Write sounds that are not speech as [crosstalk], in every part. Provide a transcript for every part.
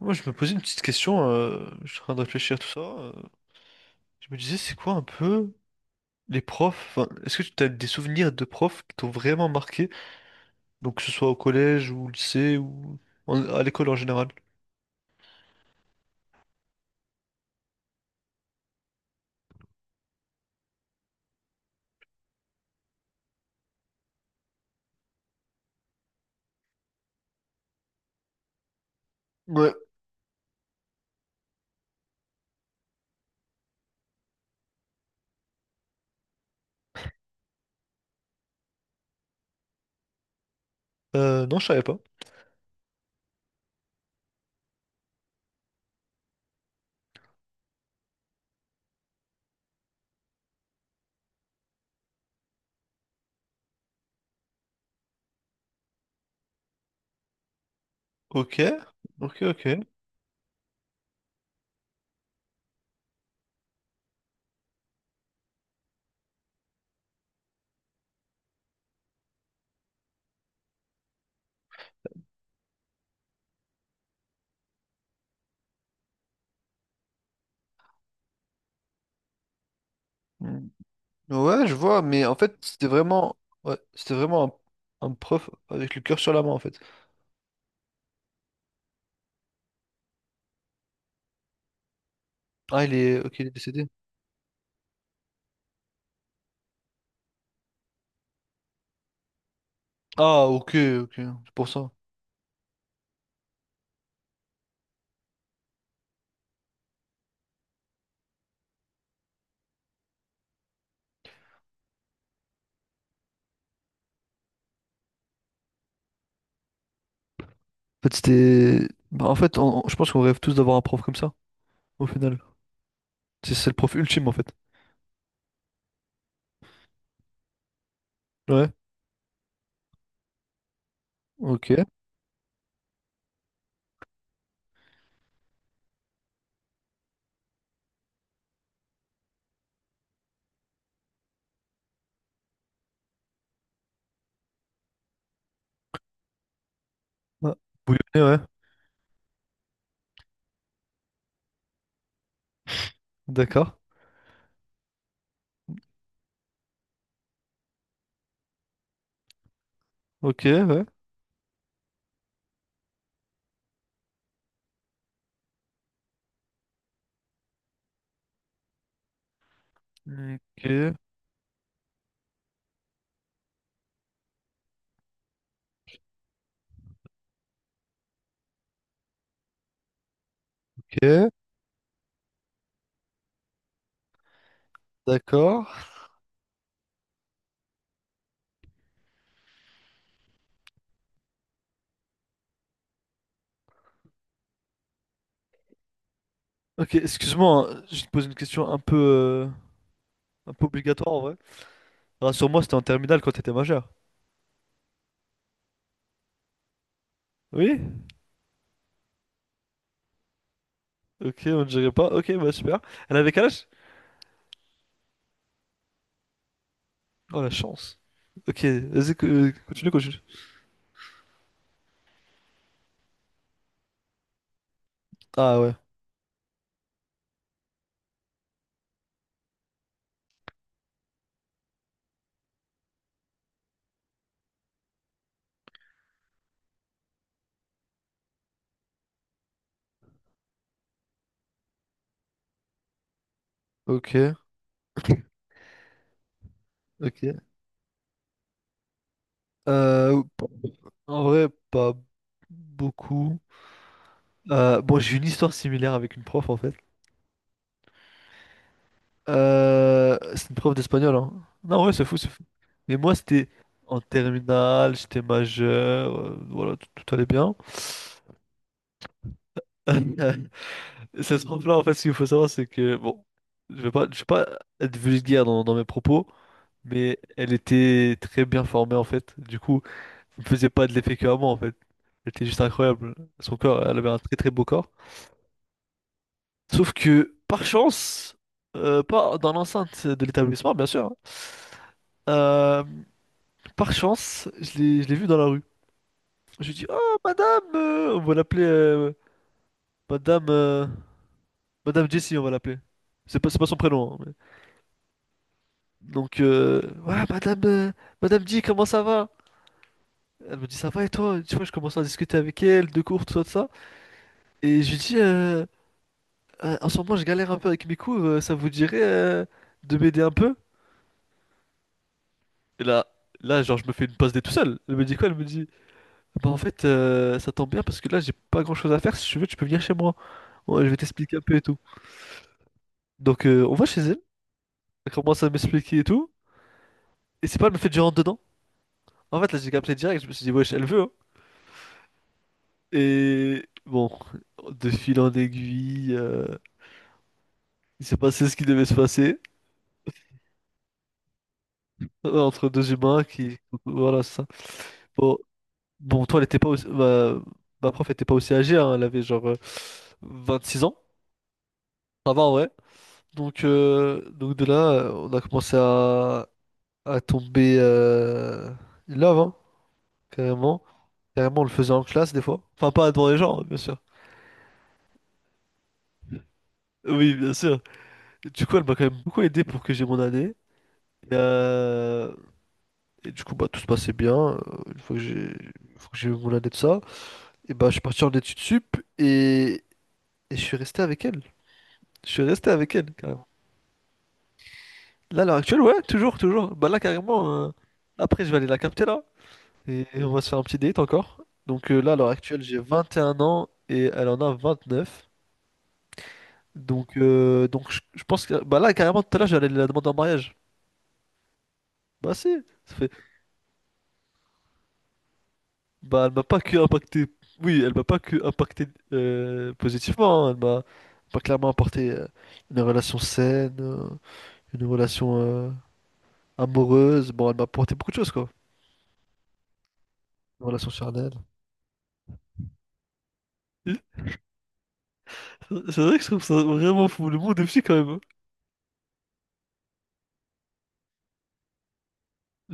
Moi, je me posais une petite question, je suis en train de réfléchir à tout ça. Je me disais, c'est quoi un peu les profs? Enfin, est-ce que tu as des souvenirs de profs qui t'ont vraiment marqué? Donc, que ce soit au collège ou au lycée ou à l'école en général. Ouais. Non, je savais pas. Ok, ok, ok. Mm. Ouais, je vois, mais en fait, c'était vraiment, ouais, c'était vraiment un prof avec le cœur sur la main, en fait. Ah, il est, ok, il est décédé. Ah, ok, ok, c'est pour ça. En fait, bah, en fait, je pense qu'on rêve tous d'avoir un prof comme ça, au final. C'est le prof ultime en fait. Ouais, ok. Ouais. Bouillonner, ouais. D'accord. Ok, ouais. Ok, ok. D'accord. Ok, excuse-moi, hein, je te pose une question un peu obligatoire en vrai. Rassure-moi, c'était en terminale quand t'étais majeur. Oui? Ok, on ne dirait pas. Ok, bah super. Elle avait quel âge? Oh la chance. Ok, vas-y, continue, continue. Ah ouais, ok, ok. Euh, En vrai, pas beaucoup. Bon, j'ai une histoire similaire avec une prof en fait. C'est une prof d'espagnol, hein. Non, ouais, c'est fou, c'est fou. Mais moi, c'était en terminale, j'étais majeur, voilà, tout allait bien. [laughs] Cette prof-là, en fait, ce qu'il faut savoir, c'est que, bon, je vais pas être vulgaire dans mes propos, mais elle était très bien formée, en fait. Du coup, elle me faisait pas de l'effet que à moi, en fait. Elle était juste incroyable. Son corps, elle avait un très très beau corps. Sauf que, par chance, pas dans l'enceinte de l'établissement, bien sûr, hein, euh, par chance, je l'ai vue dans la rue. Je lui ai dit, oh, madame, on va l'appeler madame, euh, madame Jessie, on va l'appeler. C'est pas son prénom, hein, donc, ouais, madame J, comment ça va? Elle me dit, ça va et toi? Tu vois, je commence à discuter avec elle, de cours, tout ça, tout ça. Et je lui dis, en ce moment, je galère un peu avec mes cours, ça vous dirait de m'aider un peu? Et là, genre, je me fais une passe des tout seul. Elle me dit quoi? Elle me dit, bah en fait, ça tombe bien parce que là, j'ai pas grand-chose à faire. Si tu veux, tu peux venir chez moi. Ouais, je vais t'expliquer un peu et tout. Donc, on va chez elle. Elle commence à m'expliquer et tout. Et c'est pas, elle me fait du rentre dedans. En fait, là, j'ai capté direct. Je me suis dit, wesh, elle veut, hein. Et bon, de fil en aiguille, il s'est passé ce qui devait se passer entre deux humains qui, voilà, c'est ça. Bon, bon, toi, elle était pas ma prof était pas aussi âgée, hein. Elle avait genre 26 ans. Ça va, ouais. Donc de là, on a commencé à tomber in love, hein, carrément. Carrément, on le faisait en classe des fois. Enfin, pas devant les gens, hein, bien sûr. Oui, bien sûr. Et du coup, elle m'a quand même beaucoup aidé pour que j'ai mon année. Et, euh, et du coup, bah, tout se passait bien. Une fois que j'ai une fois que j'ai eu mon année de ça, et bah, je suis parti en études sup et je suis resté avec elle. Je suis resté avec elle, carrément. Là, à l'heure actuelle, ouais, toujours, toujours. Bah là, carrément, après, je vais aller la capter, là. Et on va se faire un petit date encore. Donc là, à l'heure actuelle, j'ai 21 ans et elle en a 29. Donc je pense que... Bah là, carrément, tout à l'heure, j'allais la demander en mariage. Bah si, ça fait... Bah elle m'a pas que impacté... Oui, elle m'a pas que impacté positivement, hein. Elle m'a pas clairement apporté une relation saine, une relation amoureuse. Bon, elle m'a apporté beaucoup de choses, quoi. Une relation charnelle. [laughs] C'est vrai que je trouve ça vraiment fou. Le monde est petit quand même, hein.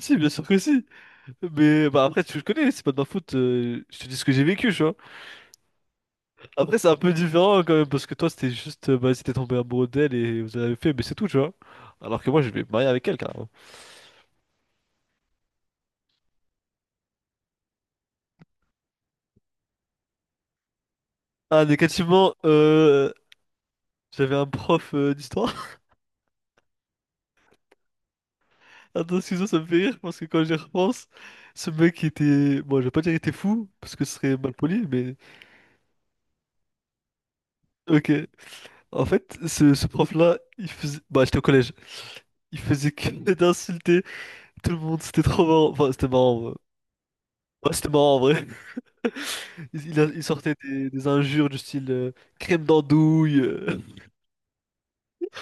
Si, bien sûr que si. Mais bah après, tu je connais, c'est pas de ma faute. Je te dis ce que j'ai vécu, tu vois. Après, c'est un peu différent quand même, parce que toi, c'était juste, bah, si t'es tombé amoureux d'elle et vous avez fait, mais c'est tout, tu vois. Alors que moi, je vais me marier avec elle, carrément. Ah, négativement, j'avais un prof d'histoire. [laughs] Attends, excuse-moi, ça me fait rire, parce que quand j'y repense, ce mec était. Bon, je vais pas dire qu'il était fou, parce que ce serait mal poli, mais. Ok. En fait, ce prof-là, il faisait. Bah, j'étais au collège. Il faisait que [laughs] d'insulter tout le monde, c'était trop marrant. Enfin, c'était marrant, ouais. Ouais, c'était marrant en vrai. Il sortait des injures du style crème d'andouille.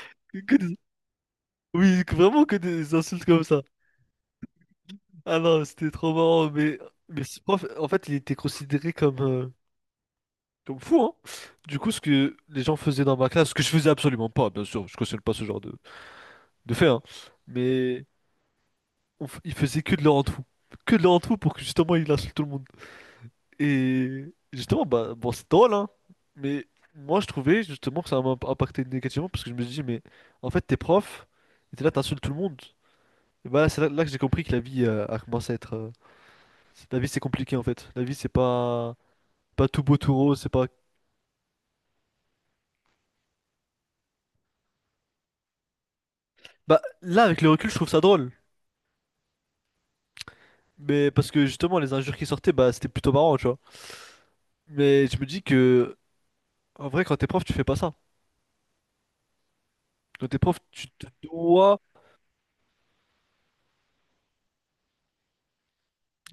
[laughs] que des- Oui, vraiment que des insultes comme ça. Ah non, c'était trop marrant. Mais ce prof, en fait, il était considéré comme fou, hein. Du coup, ce que les gens faisaient dans ma classe, ce que je faisais absolument pas, bien sûr, je cautionne pas ce genre de fait, hein. Mais ils faisaient que de leur en tout. Que de leur en tout pour que justement il insulte tout le monde. Et justement, bah, bon, c'est drôle, hein, mais moi je trouvais justement que ça m'a impacté négativement parce que je me suis dit, mais en fait, t'es prof, et t'es là, t'insultes tout le monde. Et bah, c'est là, que j'ai compris que la vie a commencé à être. La vie, c'est compliqué en fait. La vie, c'est pas, pas tout beau, tout rose, c'est pas. Bah, là, avec le recul, je trouve ça drôle, mais parce que justement, les injures qui sortaient, bah, c'était plutôt marrant, tu vois. Mais je me dis que, en vrai, quand t'es prof, tu fais pas ça. Quand t'es prof, tu te dois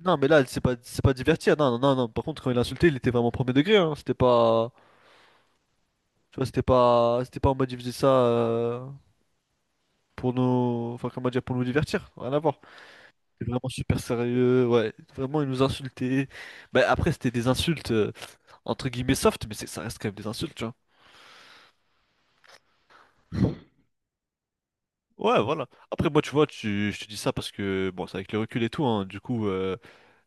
non, mais là, c'est pas divertir. Non, non, non, non. Par contre, quand il a insulté il était vraiment premier degré, hein. C'était pas, tu vois, c'était pas en mode il faisait ça pour nous, enfin, comment dire, pour nous divertir. Rien à voir. C'était vraiment super sérieux. Ouais, vraiment, il nous insultait. Bah, après, c'était des insultes entre guillemets soft, mais c'est, ça reste quand même des insultes, tu vois. Ouais, voilà. Après, moi, tu vois, je te dis ça parce que, bon, c'est avec le recul et tout, hein. Du coup,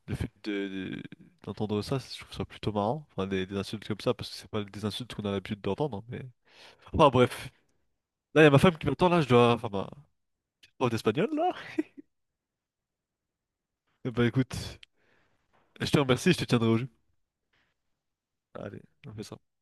le fait d'entendre ça, je trouve ça plutôt marrant. Enfin, des insultes comme ça, parce que c'est pas des insultes qu'on a l'habitude d'entendre, mais. Enfin bref, là il y a ma femme qui m'attend, là je dois... Enfin ma prof d'espagnol là. Eh ben écoute, je te remercie, je te tiendrai au jus. Allez, on fait ça.